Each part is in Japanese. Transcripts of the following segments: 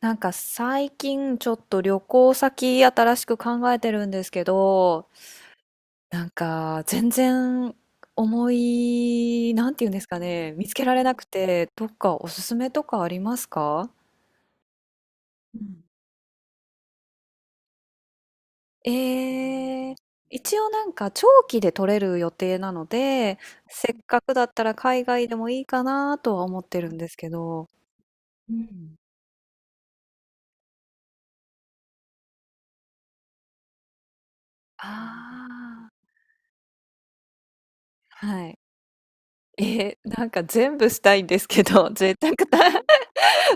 なんか最近ちょっと旅行先新しく考えてるんですけど、なんか全然思い、なんていうんですかね、見つけられなくて、どっかおすすめとかありますか？うん。えー、一応なんか長期で取れる予定なので、せっかくだったら海外でもいいかなとは思ってるんですけど、うん。ああ、はい。えー、なんか全部したいんですけど、贅沢だ。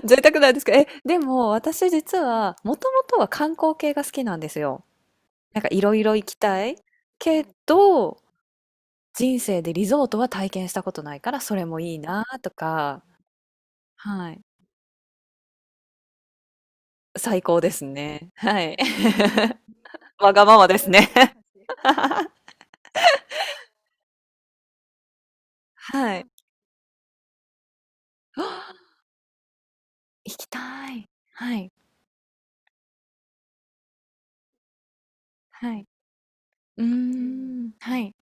贅沢なんですけど、え、でも私実は、もともとは観光系が好きなんですよ。なんかいろいろ行きたいけど、人生でリゾートは体験したことないから、それもいいなとか、はい。最高ですね。はい。わがままですね。はい。あ、行きたい。はい。はい。うーん。はい。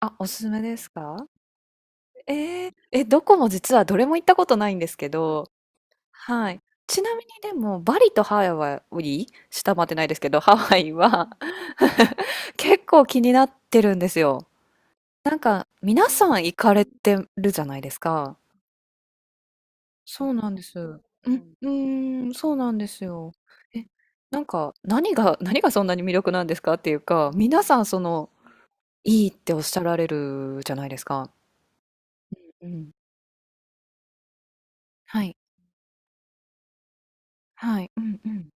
あ、おすすめですか？えー、え、どこも実はどれも行ったことないんですけど、はい。ちなみにでも、バリとハワイ、下回ってないですけど、ハワイは 結構気になってるんですよ。なんか、皆さん行かれてるじゃないですか。そうなんです。うん、うーん、そうなんですよ。え、なんか、何が、何がそんなに魅力なんですかっていうか、皆さん、その、いいっておっしゃられるじゃないですか。うん。はい。はい。うんうん。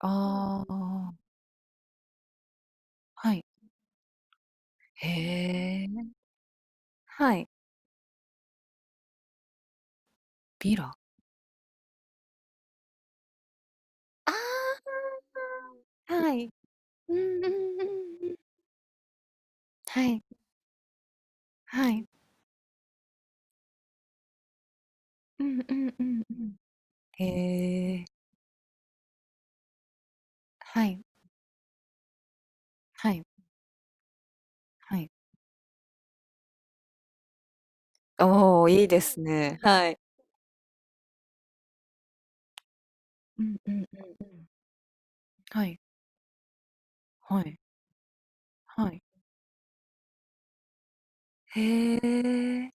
ああ、はい。へえ。はい。ビラ。ああ、はい。うんうんうんうん。はい、はい。うんうんうんうん。へえ。はい、はい、はい。おお、いいですね。はい。うん。うんうんうんうん。はい、はい、はい。へえ。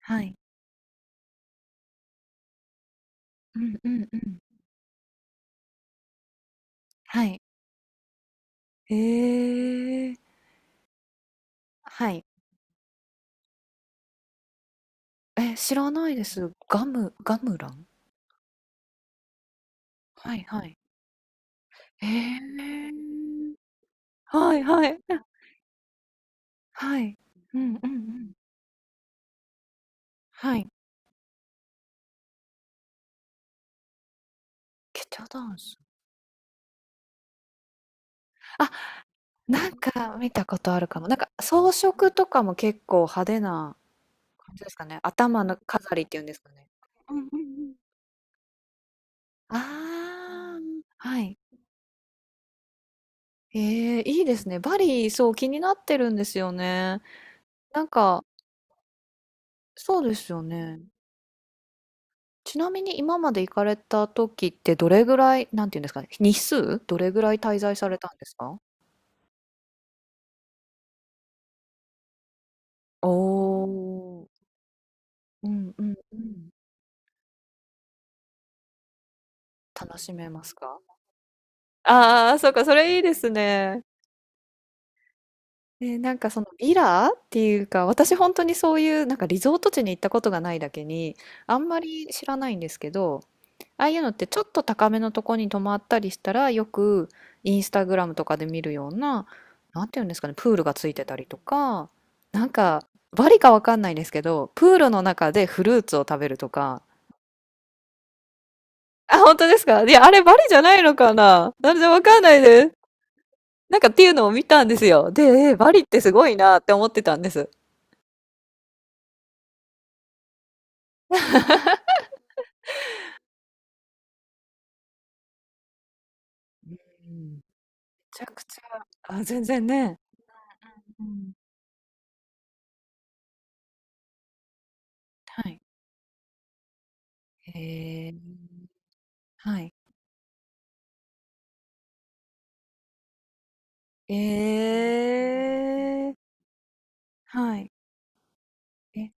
はい。うんうんうん。はい。へえ。はい。え、知らないです。ガムラン？はいはい。へえ。はいはい。あ、はい。うんうんうん。はい。ケチャダンス。あ、なんか見たことあるかも。なんか装飾とかも結構派手な感じですかね。頭の飾りっていうんですかね。うんうんうん。ああ、はい。ええ、いいですね。バリ、そう、気になってるんですよね。なんか、そうですよね。ちなみに今まで行かれた時ってどれぐらい、なんていうんですかね、日数どれぐらい滞在されたんですか？おお、うんうんうん。楽しめますか？ああー、そうか、それいいですね。で、なんかそのビラっていうか、私本当にそういうなんかリゾート地に行ったことがないだけに、あんまり知らないんですけど、ああいうのってちょっと高めのとこに泊まったりしたら、よくインスタグラムとかで見るような、なんていうんですかね、プールがついてたりとか、なんかバリかわかんないんですけど、プールの中でフルーツを食べるとか、あ、本当ですか？いや、あれバリじゃないのかな、なんでわかんないです。なんかっていうのを見たんですよ。で、えバリってすごいなって思ってたんです。うん、ちゃくちゃあ、全然ね。うん、はい。へえ。はい。ええ、はい。え、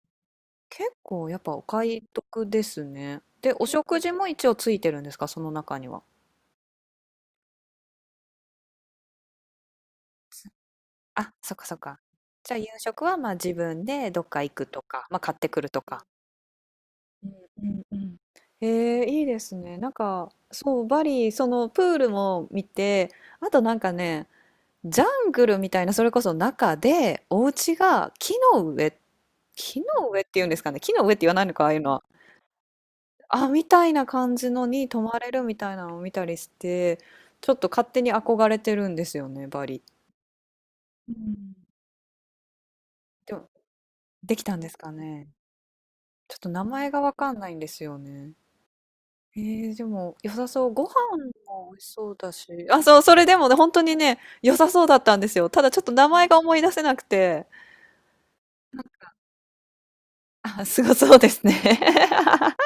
結構やっぱお買い得ですね。で、お食事も一応ついてるんですか？その中には。あ、そっかそっか。じゃあ夕食は、ま、自分でどっか行くとか、ま、買ってくるとか。うんうんうん。ええ、いいですね。なんか、そう、バリ、そのプールも見て、あとなんかねジャングルみたいな、それこそ中で、お家が木の上、木の上っていうんですかね、木の上って言わないのか、ああいうのは。あ、みたいな感じのに泊まれるみたいなのを見たりして、ちょっと勝手に憧れてるんですよね、バリ。うん。でも、できたんですかね。ちょっと名前がわかんないんですよね。えー、でも良さそう。ご飯も美味しそうだし。あ、そう、それでもね、本当にね、良さそうだったんですよ。ただちょっと名前が思い出せなくて。あ、すごそうですね。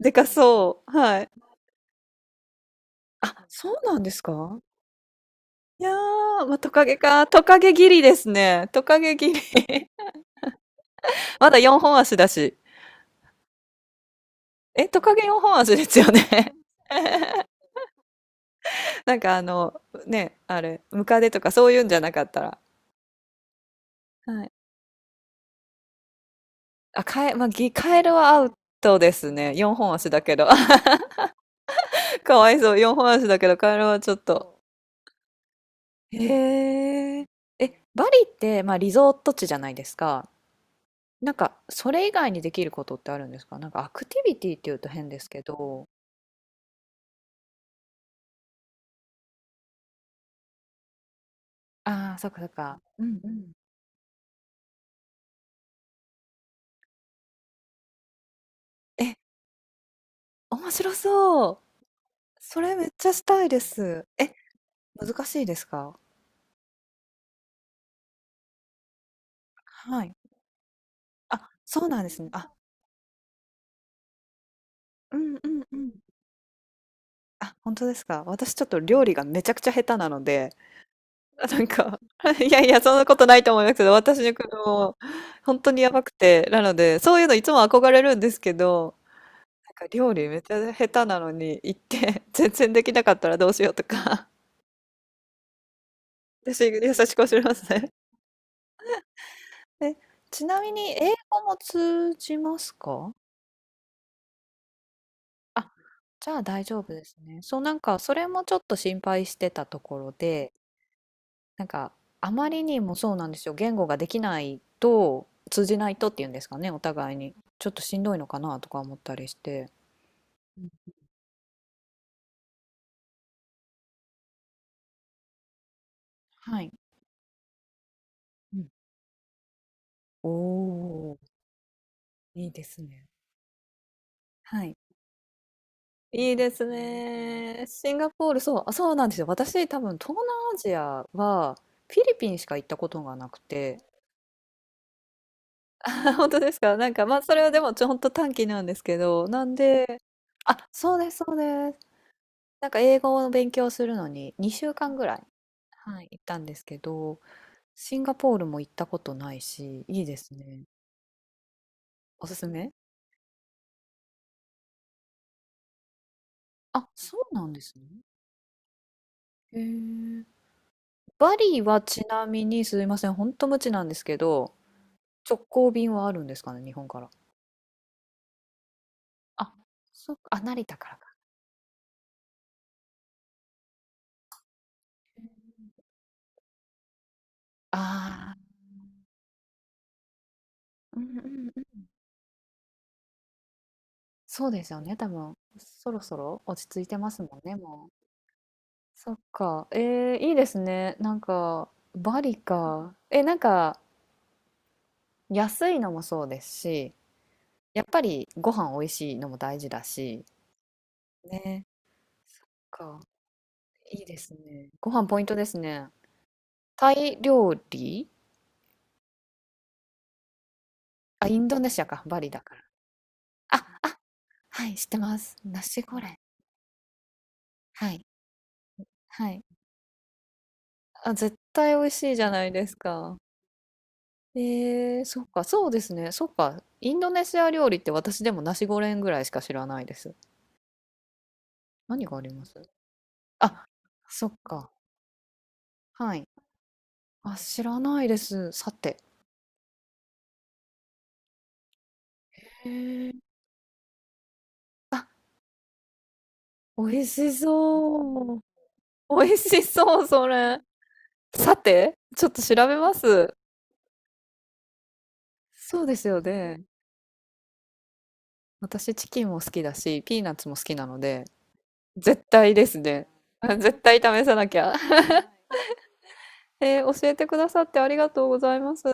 でかそう。はい。あ、そうなんですか？いやー、まあ、トカゲか。トカゲギリですね。トカゲギリ。まだ4本足だし。え、トカゲ4本足ですよね。なんかあの、ね、あれ、ムカデとかそういうんじゃなかったら。はい。あ、カエ、まあ、ギカエルはアウトですね。4本足だけど。かわいそう。4本足だけど、カエルはちょっと。へえ。え、バリって、まあ、リゾート地じゃないですか。なんか、それ以外にできることってあるんですか？なんか、アクティビティっていうと変ですけど。ああ、そっかそっか。うんうん。え、面白そう。それめっちゃしたいです。え、難しいですか？はい。あ、そうなんですね。あ、うんうんうん。あ、本当ですか？私ちょっと料理がめちゃくちゃ下手なので、あ、なんか、いやいや、そんなことないと思いますけど、私の子供、本当にやばくて、なので、そういうのいつも憧れるんですけど、なんか料理めっちゃ下手なのに行って 全然できなかったらどうしようとか。 私優しく教えますね。え、ちなみに英語も通じますか？あ、じゃあ大丈夫ですね。そうなんかそれもちょっと心配してたところで、なんかあまりにもそうなんですよ。言語ができないと通じないとっていうんですかね、お互いに。ちょっとしんどいのかなとか思ったりして。うん。はい。うん、おお、いいですね。はい。いいですね。シンガポール、そう、あ、そうなんですよ。私、多分、東南アジアは、フィリピンしか行ったことがなくて。本当ですか？なんか、まあ、それはでも、ちょ、ほんと短期なんですけど、なんで、あ、そうです、そうです。なんか、英語の勉強するのに、2週間ぐらい、はい、行ったんですけど、シンガポールも行ったことないし、いいですね。おすすめ。あ、そうなんですね。へえ。バリはちなみに、すいません、本当無知なんですけど、直行便はあるんですかね、日本から。あ、そっか、あ、成田からか。ああ、うんうんうん。そうですよね、多分。そろそろ落ち着いてますもんね、もう。そっか。えー、いいですね。なんか、バリか。え、なんか、安いのもそうですし、やっぱりご飯美味しいのも大事だし。ね。そっか。いいですね。ご飯ポイントですね。タイ料理。あ、インドネシアか。バリだから。あ、あ、はい、知ってます。ナシゴレン。はい。はい。あ、絶対美味しいじゃないですか。えー、そっか、そうですね。そっか、インドネシア料理って私でもナシゴレンぐらいしか知らないです。何があります？あ、そっか。はい。あ、知らないです。さて。へえ。あ、美味しそう。美味しそう、それ。さて、ちょっと調べます。そうですよね。私、チキンも好きだし、ピーナッツも好きなので、絶対ですね。あ、絶対試さなきゃ。えー教えてくださってありがとうございます。